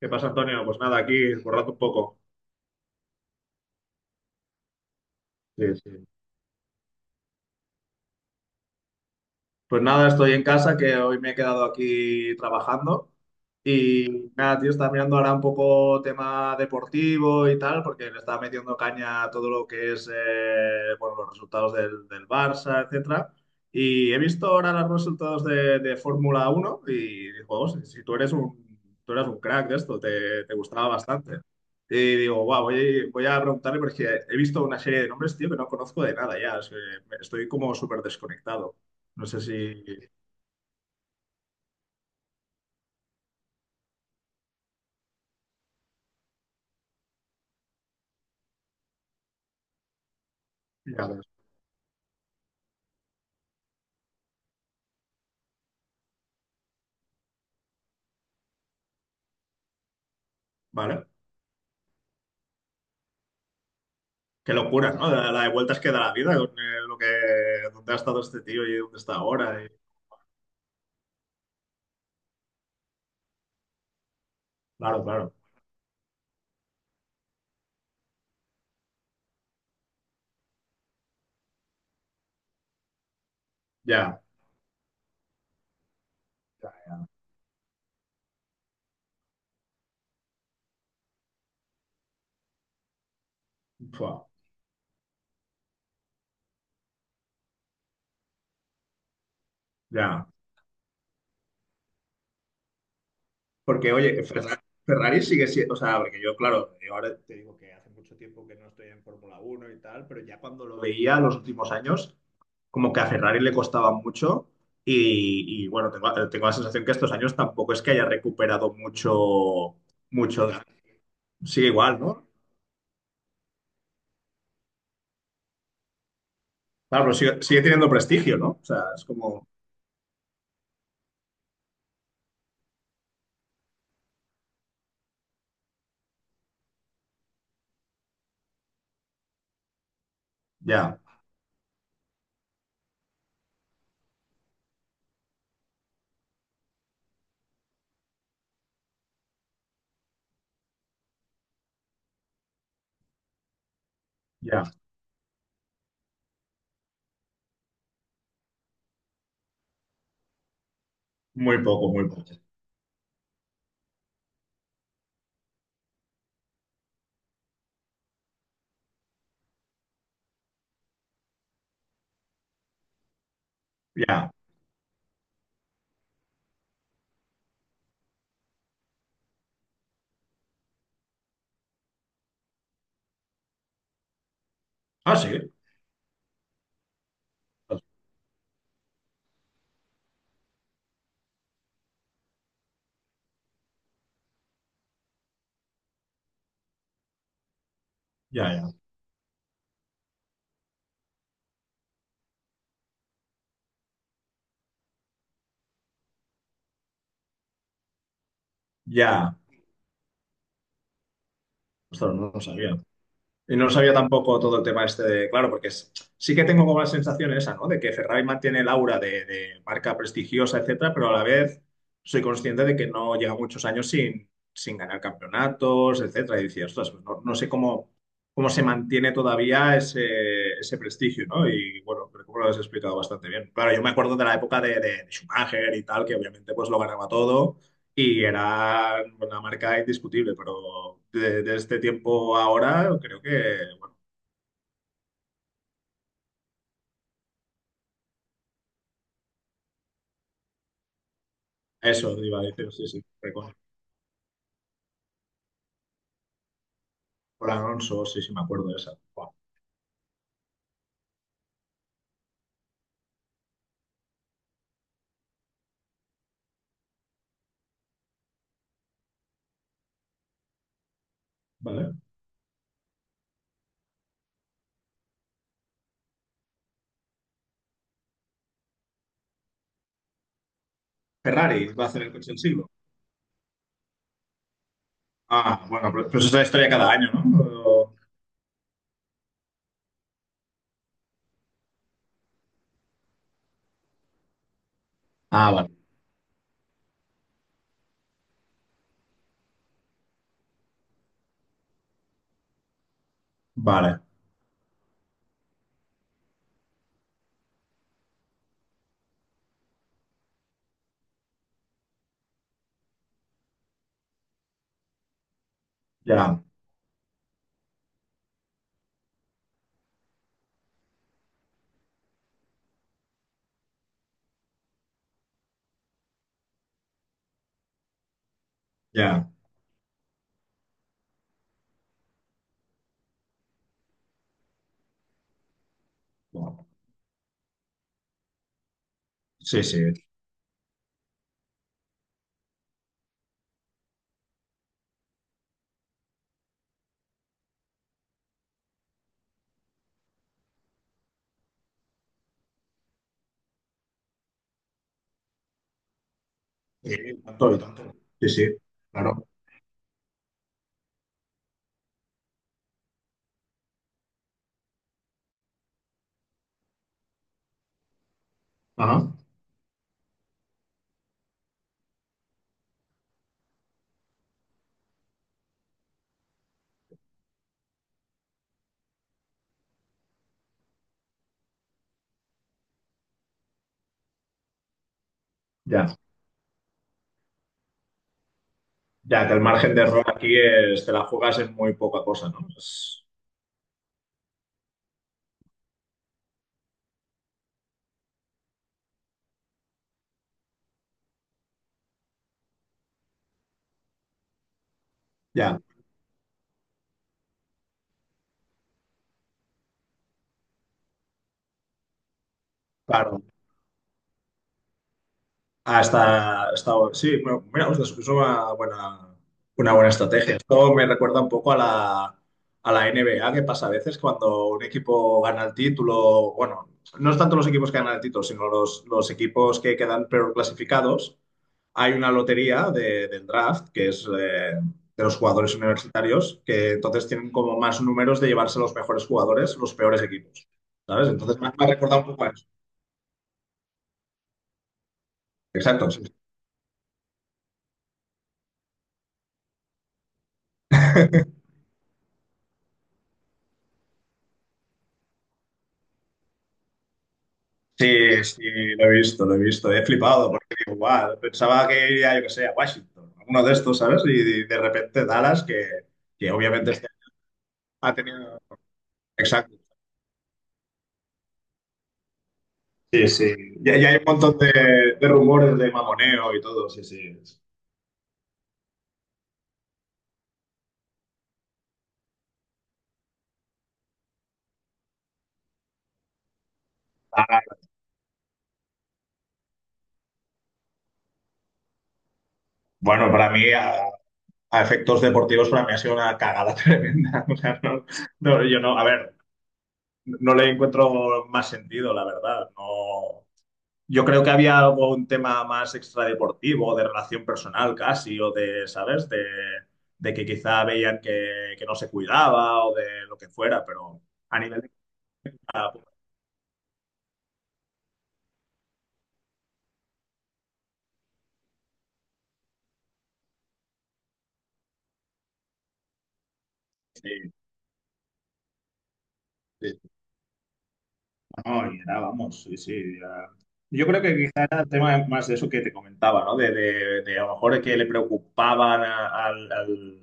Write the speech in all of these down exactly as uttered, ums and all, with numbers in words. ¿Qué pasa, Antonio? Pues nada, aquí borrando un poco. Sí, sí. Pues nada, estoy en casa, que hoy me he quedado aquí trabajando. Y nada, tío, estaba mirando ahora un poco tema deportivo y tal, porque le estaba metiendo caña a todo lo que es, eh, bueno, los resultados del, del Barça, etcétera. Y he visto ahora los resultados de, de Fórmula Uno y digo, "Oh, si, si tú eres un, tú eras un crack de esto, te, te gustaba bastante. Y digo, wow, voy, voy a preguntarle porque he visto una serie de nombres, tío, que no conozco de nada ya. O sea, me- estoy como súper desconectado. No sé si ya ves. Vale. Qué locura, ¿no? La, la de vueltas que da la vida con eh, lo que, dónde ha estado este tío y dónde está ahora. y- Claro, claro. Ya. Fua, ya. Porque, oye, Ferra- Ferrari sigue siendo, o sea, porque yo, claro, yo ahora te digo que hace mucho tiempo que no estoy en Fórmula Uno y tal, pero ya cuando lo veía los últimos años, como que a Ferrari le costaba mucho. Y, y, bueno, tengo, tengo la sensación que estos años tampoco es que haya recuperado mucho, mucho. Sigue igual, ¿no? Claro, pero sigue, sigue teniendo prestigio, ¿no? O sea, es como, ya, ya, muy poco, muy poco. Ya. Ah, sí. Ya, ya. Ya. Ostras, no lo sabía. Y no sabía tampoco todo el tema este de, claro, porque es- sí que tengo como la sensación esa, ¿no? De que Ferrari mantiene el aura de, de marca prestigiosa, etcétera, pero a la vez soy consciente de que no lleva muchos años sin, sin ganar campeonatos, etcétera. Y decía, ostras, pues no, no sé cómo, cómo se mantiene todavía ese, ese prestigio, ¿no? Y bueno, creo que lo has explicado bastante bien. Claro, yo me acuerdo de la época de, de- de Schumacher y tal, que obviamente pues lo ganaba todo y era una marca indiscutible, pero de, de este tiempo a ahora creo que, bueno, eso iba a decir, sí, sí, que con, con Alonso, sí, sí, me acuerdo de esa. Buah, vale. Ferrari va a hacer el coche del siglo. Ah, bueno, pero, pero eso es la historia cada año, ¿no? O- Ah, vale, vale, ya, ya. Buah, sí, sí, sí, tanto y tanto. Sí, sí, claro. Ajá, ya, ya, que el margen de error aquí es, te la juegas en muy poca cosa, ¿no? Es- ya. Claro, ah, está, está- sí, bueno, mira, ostras, es una buena, una buena estrategia. Esto me recuerda un poco a la, a la N B A que pasa a veces cuando un equipo gana el título, bueno, no es tanto los equipos que ganan el título, sino los, los equipos que quedan peor clasificados. Hay una lotería de- del draft, que es eh, de los jugadores universitarios, que entonces tienen como más números de llevarse los mejores jugadores, los peores equipos, ¿sabes? Entonces me me ha recordado un poco a eso. Exacto, sí, sí, sí, lo he visto, lo he visto. He flipado porque digo, guau, pensaba que iría, yo que sé, a Washington, alguno de estos, ¿sabes? Y de repente Dallas, que, que obviamente este ha tenido... Exacto. Sí, sí. Ya, ya hay un montón de, de rumores de mamoneo y todo, sí, sí. Ah, bueno, para mí, a, a efectos deportivos, para mí ha sido una cagada tremenda. O sea, no, no, yo no, a ver, no le encuentro más sentido, la verdad. No, yo creo que había algo, un tema más extradeportivo, de relación personal casi, o de, ¿sabes? De, de que quizá veían que, que no se cuidaba o de lo que fuera, pero a nivel de... Sí, sí, no, y era, vamos, sí, sí. Ya. Yo creo que quizá era el tema más de eso que te comentaba, ¿no? De, de, de a lo mejor que le preocupaban a- al, al,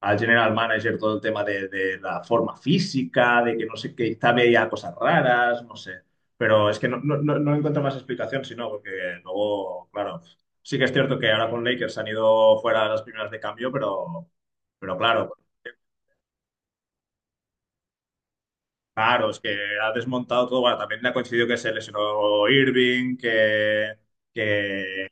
al general manager todo el tema de, de la forma física, de que no sé qué, quizá veía cosas raras, no sé. Pero es que no, no, no no encuentro más explicación, sino porque luego, claro, sí que es cierto que ahora con Lakers han ido fuera las primeras de cambio, pero... Pero claro, claro, es que ha desmontado todo. Bueno, también le ha coincidido que se lesionó Irving, que, que-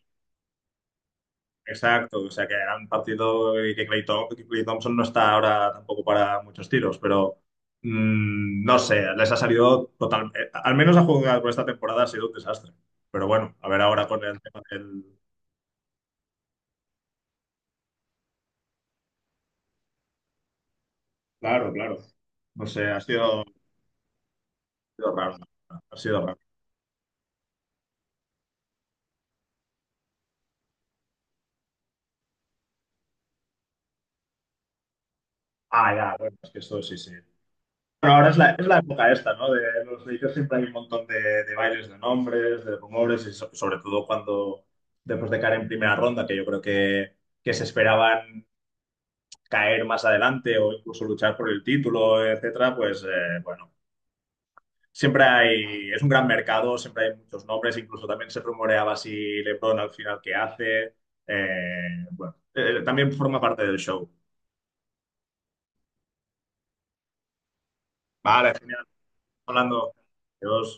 exacto, o sea, que era un partido y que Clay, Thom- que Klay Thompson no está ahora tampoco para muchos tiros, pero mm, no sé, les ha salido total... eh, al menos a jugar por esta temporada ha sido un desastre. Pero bueno, a ver ahora con el tema del... Claro, claro. No sé, ha sido, ha sido raro. Ha sido raro. Ah, ya, bueno, es que esto sí, sí. Bueno, ahora es la, es la época esta, ¿no? De en los inicios siempre hay un montón de, de bailes de nombres, de rumores, y so- sobre todo cuando después de caer en primera ronda, que yo creo que, que se esperaban caer más adelante o incluso luchar por el título, etcétera, pues eh, bueno, siempre hay, es un gran mercado, siempre hay muchos nombres, incluso también se rumoreaba si LeBron al final qué hace. Eh, bueno, eh, también forma parte del show. Vale, genial, hablando. Adiós.